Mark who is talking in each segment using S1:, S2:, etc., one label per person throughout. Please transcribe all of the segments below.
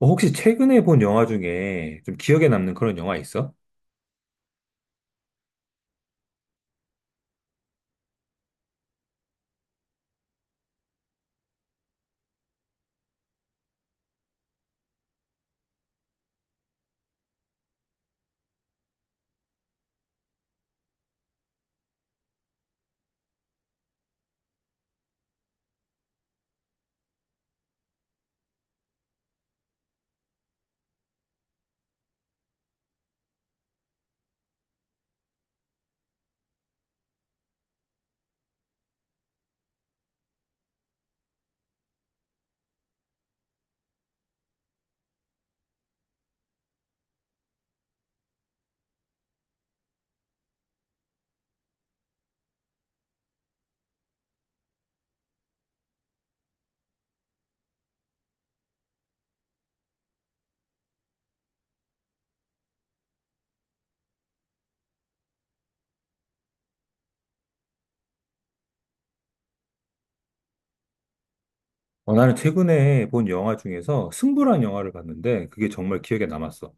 S1: 혹시 최근에 본 영화 중에 좀 기억에 남는 그런 영화 있어? 어, 나는 최근에 본 영화 중에서 승부란 영화를 봤는데 그게 정말 기억에 남았어.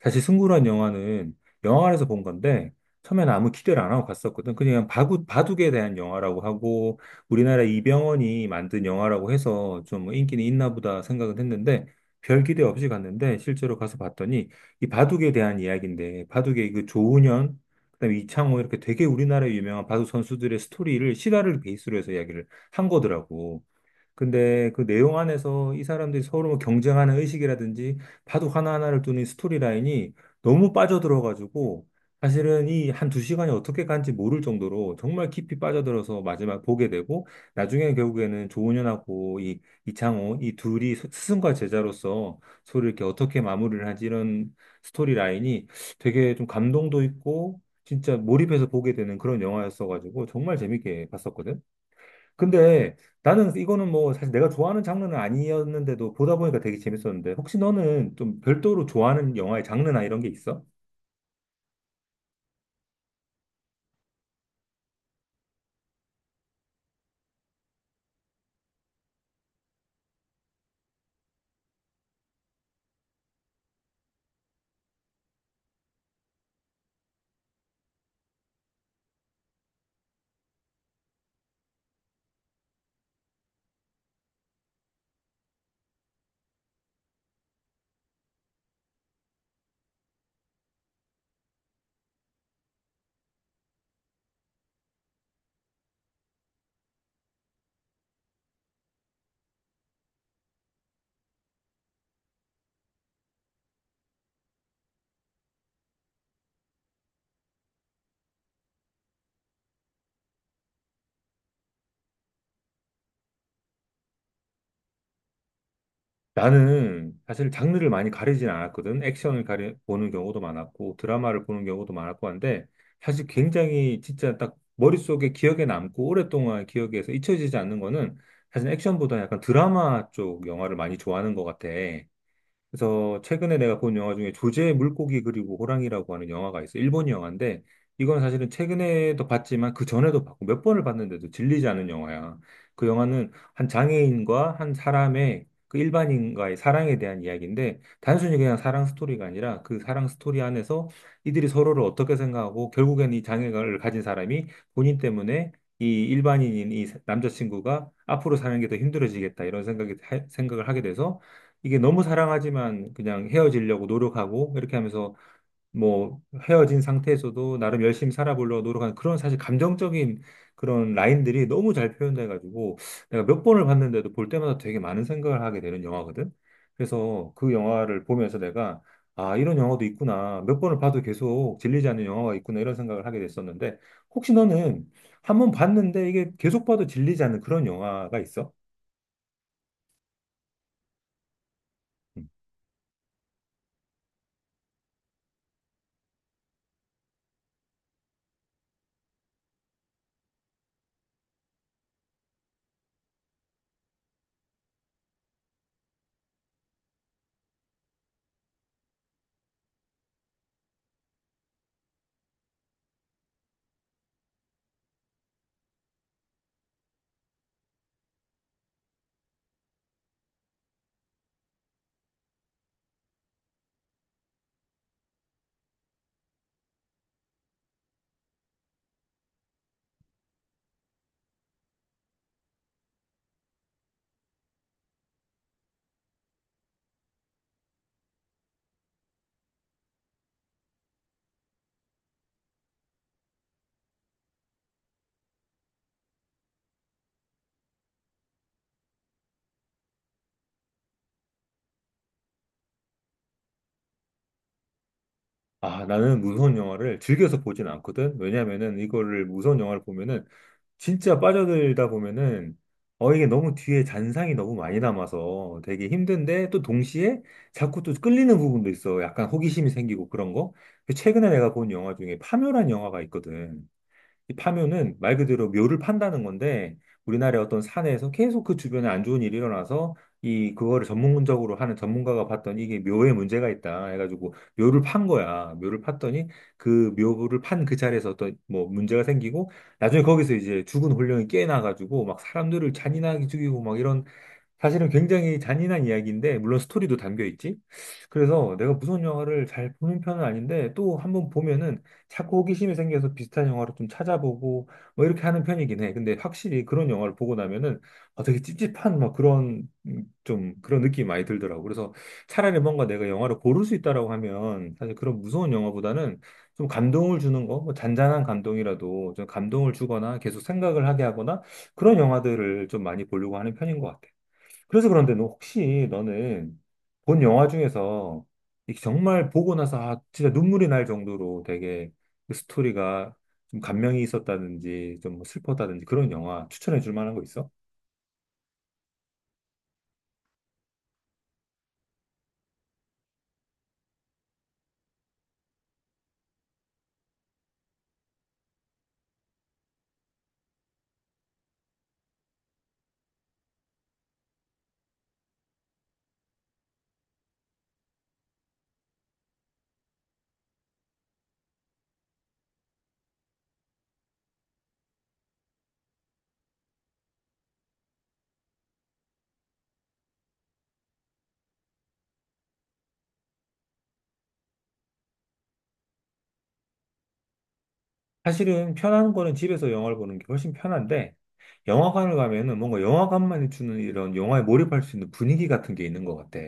S1: 사실 승부란 영화는 영화관에서 본 건데, 처음에는 아무 기대를 안 하고 갔었거든. 그냥 바둑에 대한 영화라고 하고, 우리나라 이병헌이 만든 영화라고 해서 좀 인기는 있나 보다 생각은 했는데, 별 기대 없이 갔는데 실제로 가서 봤더니 이 바둑에 대한 이야기인데, 바둑의 그 조은현, 그다음에 이창호, 이렇게 되게 우리나라의 유명한 바둑 선수들의 스토리를 실화를 베이스로 해서 이야기를 한 거더라고. 근데 그 내용 안에서 이 사람들이 서로 뭐 경쟁하는 의식이라든지, 바둑 하나하나를 두는 이 스토리 라인이 너무 빠져들어가지고, 사실은 이 한 두 시간이 어떻게 간지 모를 정도로 정말 깊이 빠져들어서 마지막 보게 되고, 나중에 결국에는 조은현하고 이 이창호 이 둘이 스승과 제자로서 서로 이렇게 어떻게 마무리를 하지, 이런 스토리 라인이 되게 좀 감동도 있고 진짜 몰입해서 보게 되는 그런 영화였어가지고 정말 재밌게 봤었거든. 근데 나는 이거는 뭐 사실 내가 좋아하는 장르는 아니었는데도 보다 보니까 되게 재밌었는데, 혹시 너는 좀 별도로 좋아하는 영화의 장르나 이런 게 있어? 나는 사실 장르를 많이 가리진 않았거든. 액션을 보는 경우도 많았고 드라마를 보는 경우도 많았고 한데, 사실 굉장히 진짜 딱 머릿속에 기억에 남고 오랫동안 기억에서 잊혀지지 않는 거는 사실 액션보다 약간 드라마 쪽 영화를 많이 좋아하는 것 같아. 그래서 최근에 내가 본 영화 중에 조제의 물고기 그리고 호랑이라고 하는 영화가 있어. 일본 영화인데 이건 사실은 최근에도 봤지만 그 전에도 봤고 몇 번을 봤는데도 질리지 않은 영화야. 그 영화는 한 장애인과 한 사람의 그 일반인과의 사랑에 대한 이야기인데, 단순히 그냥 사랑 스토리가 아니라 그 사랑 스토리 안에서 이들이 서로를 어떻게 생각하고 결국엔 이 장애를 가진 사람이 본인 때문에 이 일반인인 이 남자친구가 앞으로 사는 게 더 힘들어지겠다, 이런 생각이 생각을 하게 돼서 이게 너무 사랑하지만 그냥 헤어지려고 노력하고 이렇게 하면서, 뭐 헤어진 상태에서도 나름 열심히 살아보려고 노력하는 그런 사실 감정적인 그런 라인들이 너무 잘 표현돼가지고, 내가 몇 번을 봤는데도 볼 때마다 되게 많은 생각을 하게 되는 영화거든. 그래서 그 영화를 보면서 내가, 아, 이런 영화도 있구나. 몇 번을 봐도 계속 질리지 않는 영화가 있구나. 이런 생각을 하게 됐었는데, 혹시 너는 한 번 봤는데 이게 계속 봐도 질리지 않는 그런 영화가 있어? 음. 아, 나는 무서운 영화를 즐겨서 보진 않거든. 왜냐면은 이거를 무서운 영화를 보면은 진짜 빠져들다 보면은, 이게 너무 뒤에 잔상이 너무 많이 남아서 되게 힘든데, 또 동시에 자꾸 또 끌리는 부분도 있어. 약간 호기심이 생기고 그런 거. 그 최근에 내가 본 영화 중에 파묘란 영화가 있거든. 이 파묘는 말 그대로 묘를 판다는 건데, 우리나라의 어떤 산에서 계속 그 주변에 안 좋은 일이 일어나서 이 그거를 전문적으로 하는 전문가가 봤더니 이게 묘에 문제가 있다 해가지고 묘를 판 거야. 묘를 팠더니 그 묘를 판 그 자리에서 어떤 뭐 문제가 생기고 나중에 거기서 이제 죽은 혼령이 깨어나가지고 막 사람들을 잔인하게 죽이고 막 이런, 사실은 굉장히 잔인한 이야기인데, 물론 스토리도 담겨 있지. 그래서 내가 무서운 영화를 잘 보는 편은 아닌데, 또 한번 보면은 자꾸 호기심이 생겨서 비슷한 영화를 좀 찾아보고, 뭐 이렇게 하는 편이긴 해. 근데 확실히 그런 영화를 보고 나면은, 아, 되게 찝찝한 막 그런, 좀 그런 느낌이 많이 들더라고. 그래서 차라리 뭔가 내가 영화를 고를 수 있다라고 하면, 사실 그런 무서운 영화보다는 좀 감동을 주는 거, 뭐 잔잔한 감동이라도 좀 감동을 주거나 계속 생각을 하게 하거나 그런 영화들을 좀 많이 보려고 하는 편인 것 같아. 그래서 그런데 너 혹시 너는 본 영화 중에서 이게 정말 보고 나서, 아, 진짜 눈물이 날 정도로 되게 그 스토리가 좀 감명이 있었다든지 좀뭐 슬펐다든지 그런 영화 추천해 줄 만한 거 있어? 사실은 편한 거는 집에서 영화를 보는 게 훨씬 편한데, 영화관을 가면은 뭔가 영화관만이 주는 이런 영화에 몰입할 수 있는 분위기 같은 게 있는 것 같아.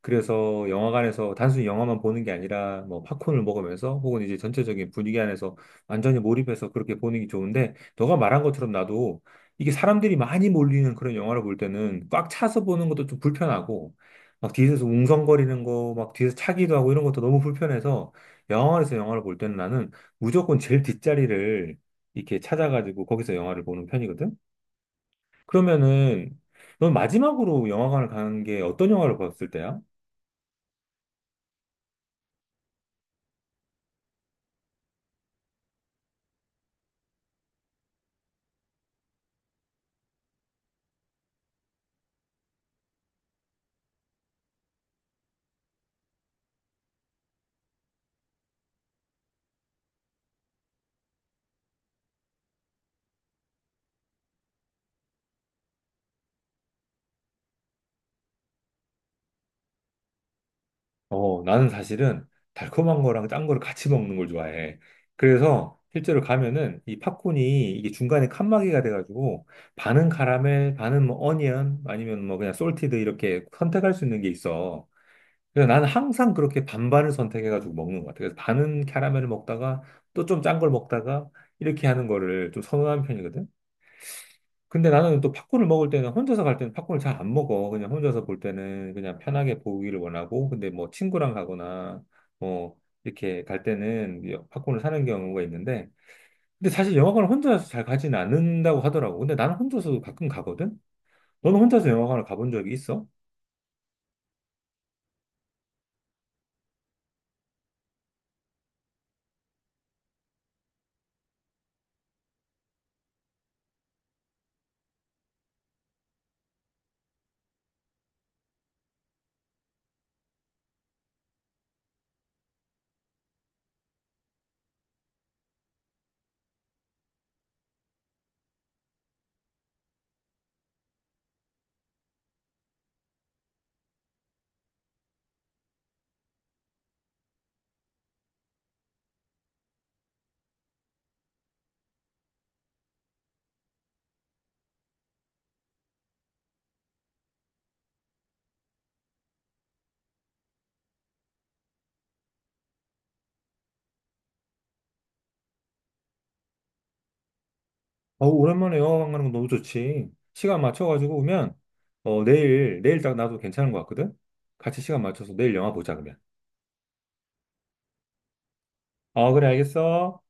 S1: 그래서 영화관에서 단순히 영화만 보는 게 아니라 뭐 팝콘을 먹으면서 혹은 이제 전체적인 분위기 안에서 완전히 몰입해서 그렇게 보는 게 좋은데, 너가 말한 것처럼 나도 이게 사람들이 많이 몰리는 그런 영화를 볼 때는 꽉 차서 보는 것도 좀 불편하고, 막 뒤에서 웅성거리는 거, 막 뒤에서 차기도 하고 이런 것도 너무 불편해서 영화관에서 영화를 볼 때는 나는 무조건 제일 뒷자리를 이렇게 찾아가지고 거기서 영화를 보는 편이거든. 그러면은 넌 마지막으로 영화관을 간 게 어떤 영화를 봤을 때야? 어, 나는 사실은 달콤한 거랑 짠 거를 같이 먹는 걸 좋아해. 그래서 실제로 가면은 이 팝콘이 이게 중간에 칸막이가 돼가지고 반은 카라멜, 반은 뭐 어니언 아니면 뭐 그냥 솔티드 이렇게 선택할 수 있는 게 있어. 그래서 나는 항상 그렇게 반반을 선택해가지고 먹는 것 같아. 그래서 반은 카라멜을 먹다가 또 좀 짠 걸 먹다가 이렇게 하는 거를 좀 선호하는 편이거든. 근데 나는 또 팝콘을 먹을 때는, 혼자서 갈 때는 팝콘을 잘 안 먹어. 그냥 혼자서 볼 때는 그냥 편하게 보기를 원하고, 근데 뭐 친구랑 가거나 뭐 이렇게 갈 때는 팝콘을 사는 경우가 있는데, 근데 사실 영화관을 혼자서 잘 가지는 않는다고 하더라고. 근데 나는 혼자서 가끔 가거든? 너는 혼자서 영화관을 가본 적이 있어? 어, 오랜만에 영화관 가는 거 너무 좋지. 시간 맞춰가지고 오면, 내일 딱 나도 괜찮은 것 같거든? 같이 시간 맞춰서 내일 영화 보자, 그러면. 어, 그래, 알겠어.